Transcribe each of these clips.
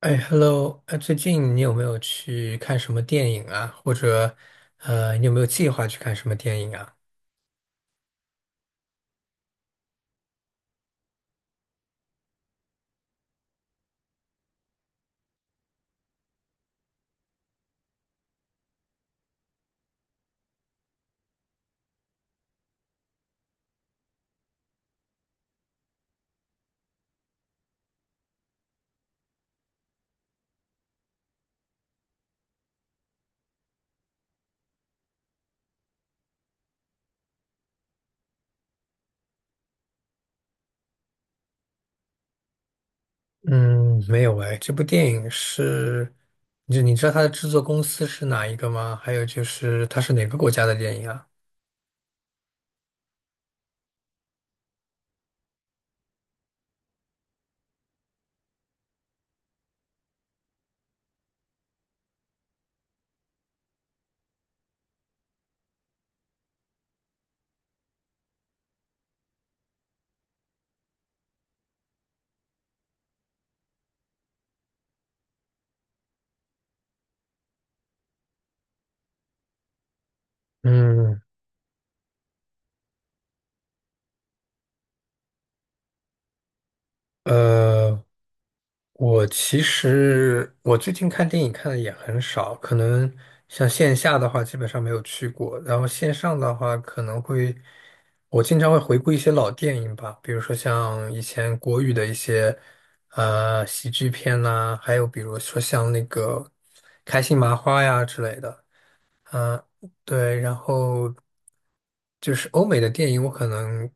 哎，Hello，哎，最近你有没有去看什么电影啊？或者，你有没有计划去看什么电影啊？嗯，没有哎。这部电影是，就你知道它的制作公司是哪一个吗？还有就是它是哪个国家的电影啊？嗯。呃，我其实最近看电影看的也很少，可能像线下的话基本上没有去过，然后线上的话可能会，我经常会回顾一些老电影吧，比如说像以前国语的一些喜剧片呐、还有比如说像那个开心麻花呀之类的。啊，对，然后就是欧美的电影，我可能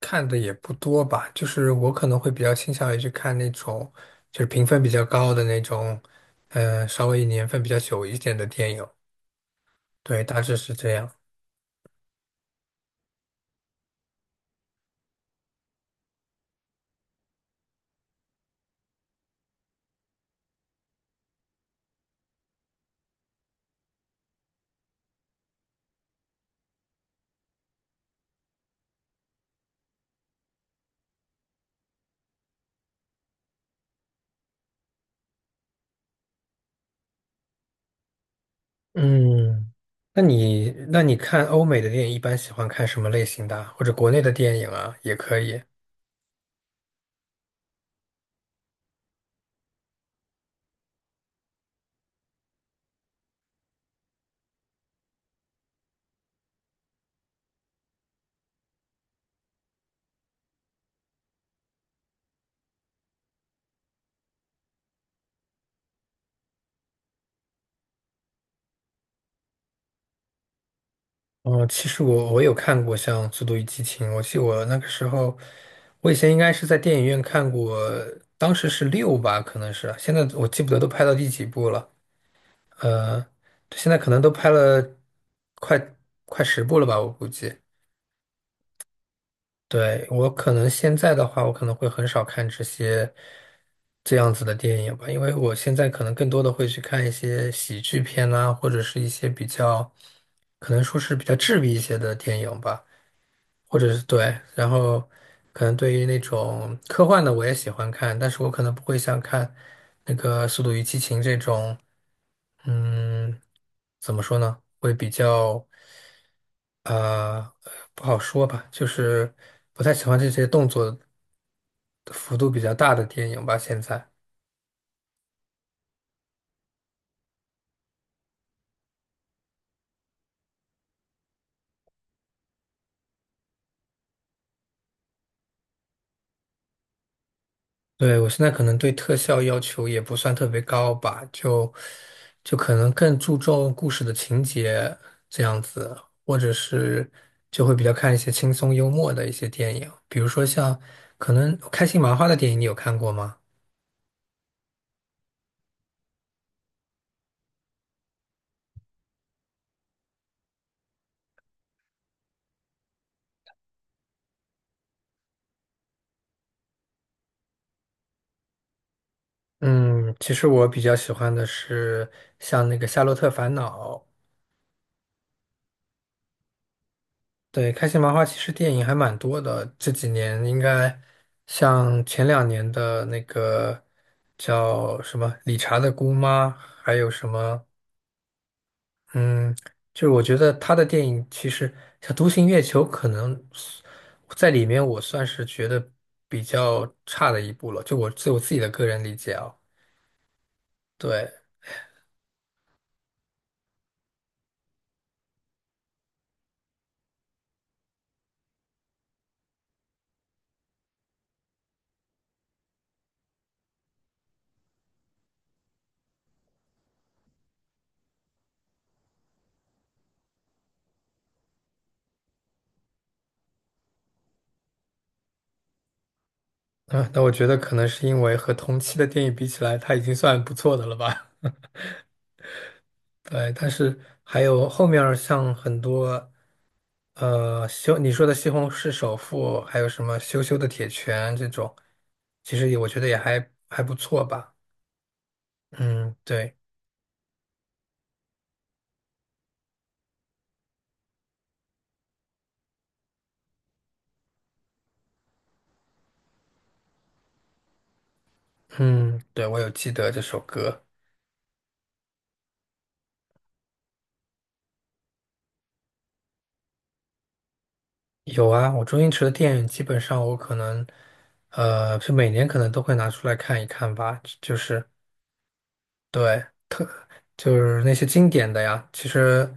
看的也不多吧，就是我可能会比较倾向于去看那种就是评分比较高的那种，稍微年份比较久一点的电影，对，大致是这样。嗯，那你看欧美的电影一般喜欢看什么类型的啊或者国内的电影啊，也可以。哦，其实我有看过像《速度与激情》，我记得我那个时候，我以前应该是在电影院看过，当时是六吧，可能是，现在我记不得都拍到第几部了，呃，现在可能都拍了快十部了吧，我估计。对，我可能现在的话，我可能会很少看这些这样子的电影吧，因为我现在可能更多的会去看一些喜剧片啊，或者是一些比较，可能说是比较治愈一些的电影吧。或者是对，然后可能对于那种科幻的我也喜欢看，但是我可能不会像看那个《速度与激情》这种，嗯，怎么说呢？会比较呃不好说吧，就是不太喜欢这些动作幅度比较大的电影吧，现在。对，我现在可能对特效要求也不算特别高吧，就可能更注重故事的情节这样子，或者是就会比较看一些轻松幽默的一些电影，比如说像可能开心麻花的电影，你有看过吗？嗯，其实我比较喜欢的是像那个《夏洛特烦恼》，对，开心麻花其实电影还蛮多的，这几年应该像前两年的那个叫什么《理查的姑妈》，还有什么，嗯，就是我觉得他的电影其实像《独行月球》，可能在里面我算是觉得比较差的一部了，就我自己的个人理解啊。对，嗯，那我觉得可能是因为和同期的电影比起来，它已经算不错的了吧。对，但是还有后面儿像很多，呃，西你说的《西红柿首富》，还有什么《羞羞的铁拳》这种，其实也我觉得也还不错吧。嗯，对，嗯，对，我有记得这首歌。有啊，我周星驰的电影基本上我可能，是每年可能都会拿出来看一看吧，就是对。就是那些经典的呀。其实，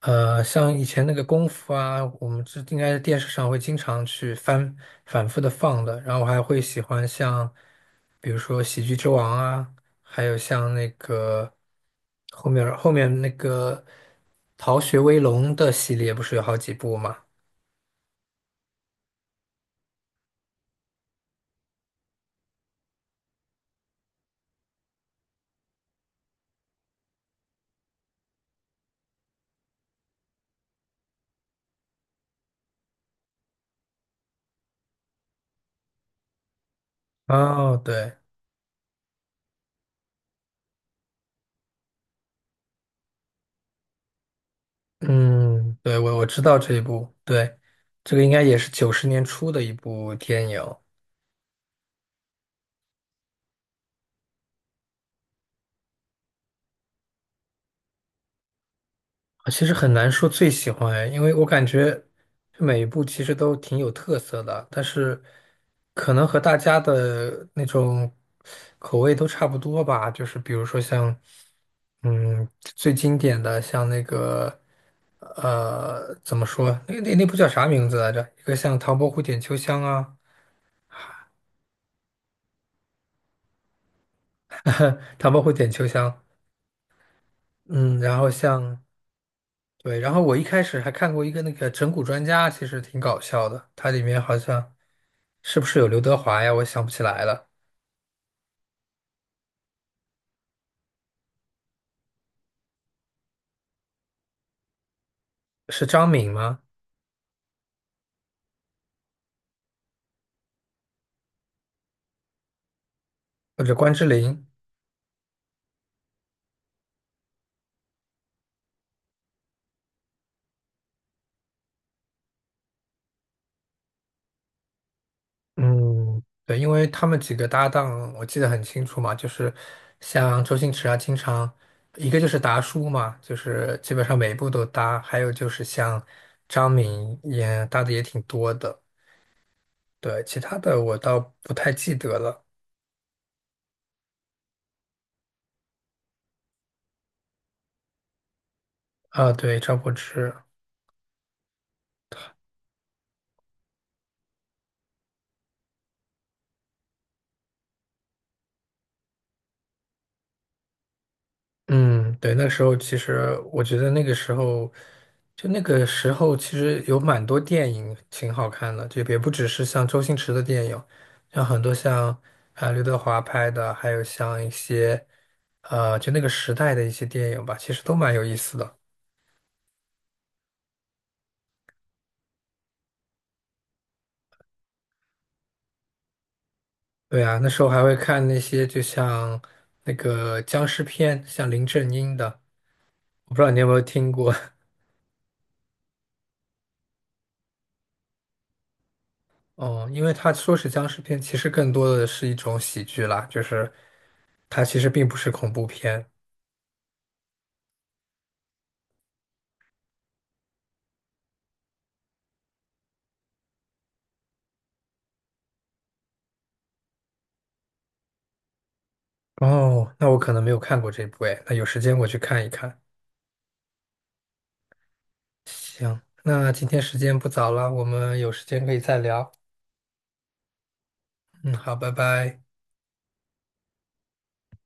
像以前那个功夫啊，我们这应该是电视上会经常去翻反复的放的。然后我还会喜欢像，比如说《喜剧之王》啊，还有像那个后面那个《逃学威龙》的系列，不是有好几部嘛？哦，对，嗯，对，我我知道这一部，对，这个应该也是九十年初的一部电影。啊，其实很难说最喜欢哎因为我感觉每一部其实都挺有特色的，但是可能和大家的那种口味都差不多吧。就是比如说像，嗯，最经典的像那个，呃，怎么说？那部叫啥名字来着？一个像《唐伯虎点秋香》啊，《唐伯虎点秋香》。嗯，然后像对，然后我一开始还看过一个那个整蛊专家，其实挺搞笑的，它里面好像。是不是有刘德华呀？我想不起来了，是张敏吗？或者关之琳？嗯，对，因为他们几个搭档，我记得很清楚嘛，就是像周星驰啊，经常一个就是达叔嘛，就是基本上每一部都搭，还有就是像张敏也搭的也挺多的，对，其他的我倒不太记得了。啊，对，张柏芝，嗯，对，那时候其实我觉得那个时候，就那个时候其实有蛮多电影挺好看的，就也不只是像周星驰的电影，像很多像啊刘德华拍的，还有像一些就那个时代的一些电影吧，其实都蛮有意思的。对啊，那时候还会看那些就像那个僵尸片，像林正英的，我不知道你有没有听过。哦，因为他说是僵尸片，其实更多的是一种喜剧啦，就是。它其实并不是恐怖片。哦，那我可能没有看过这部诶，那有时间我去看一看。行，那今天时间不早了，我们有时间可以再聊。嗯，好，拜拜。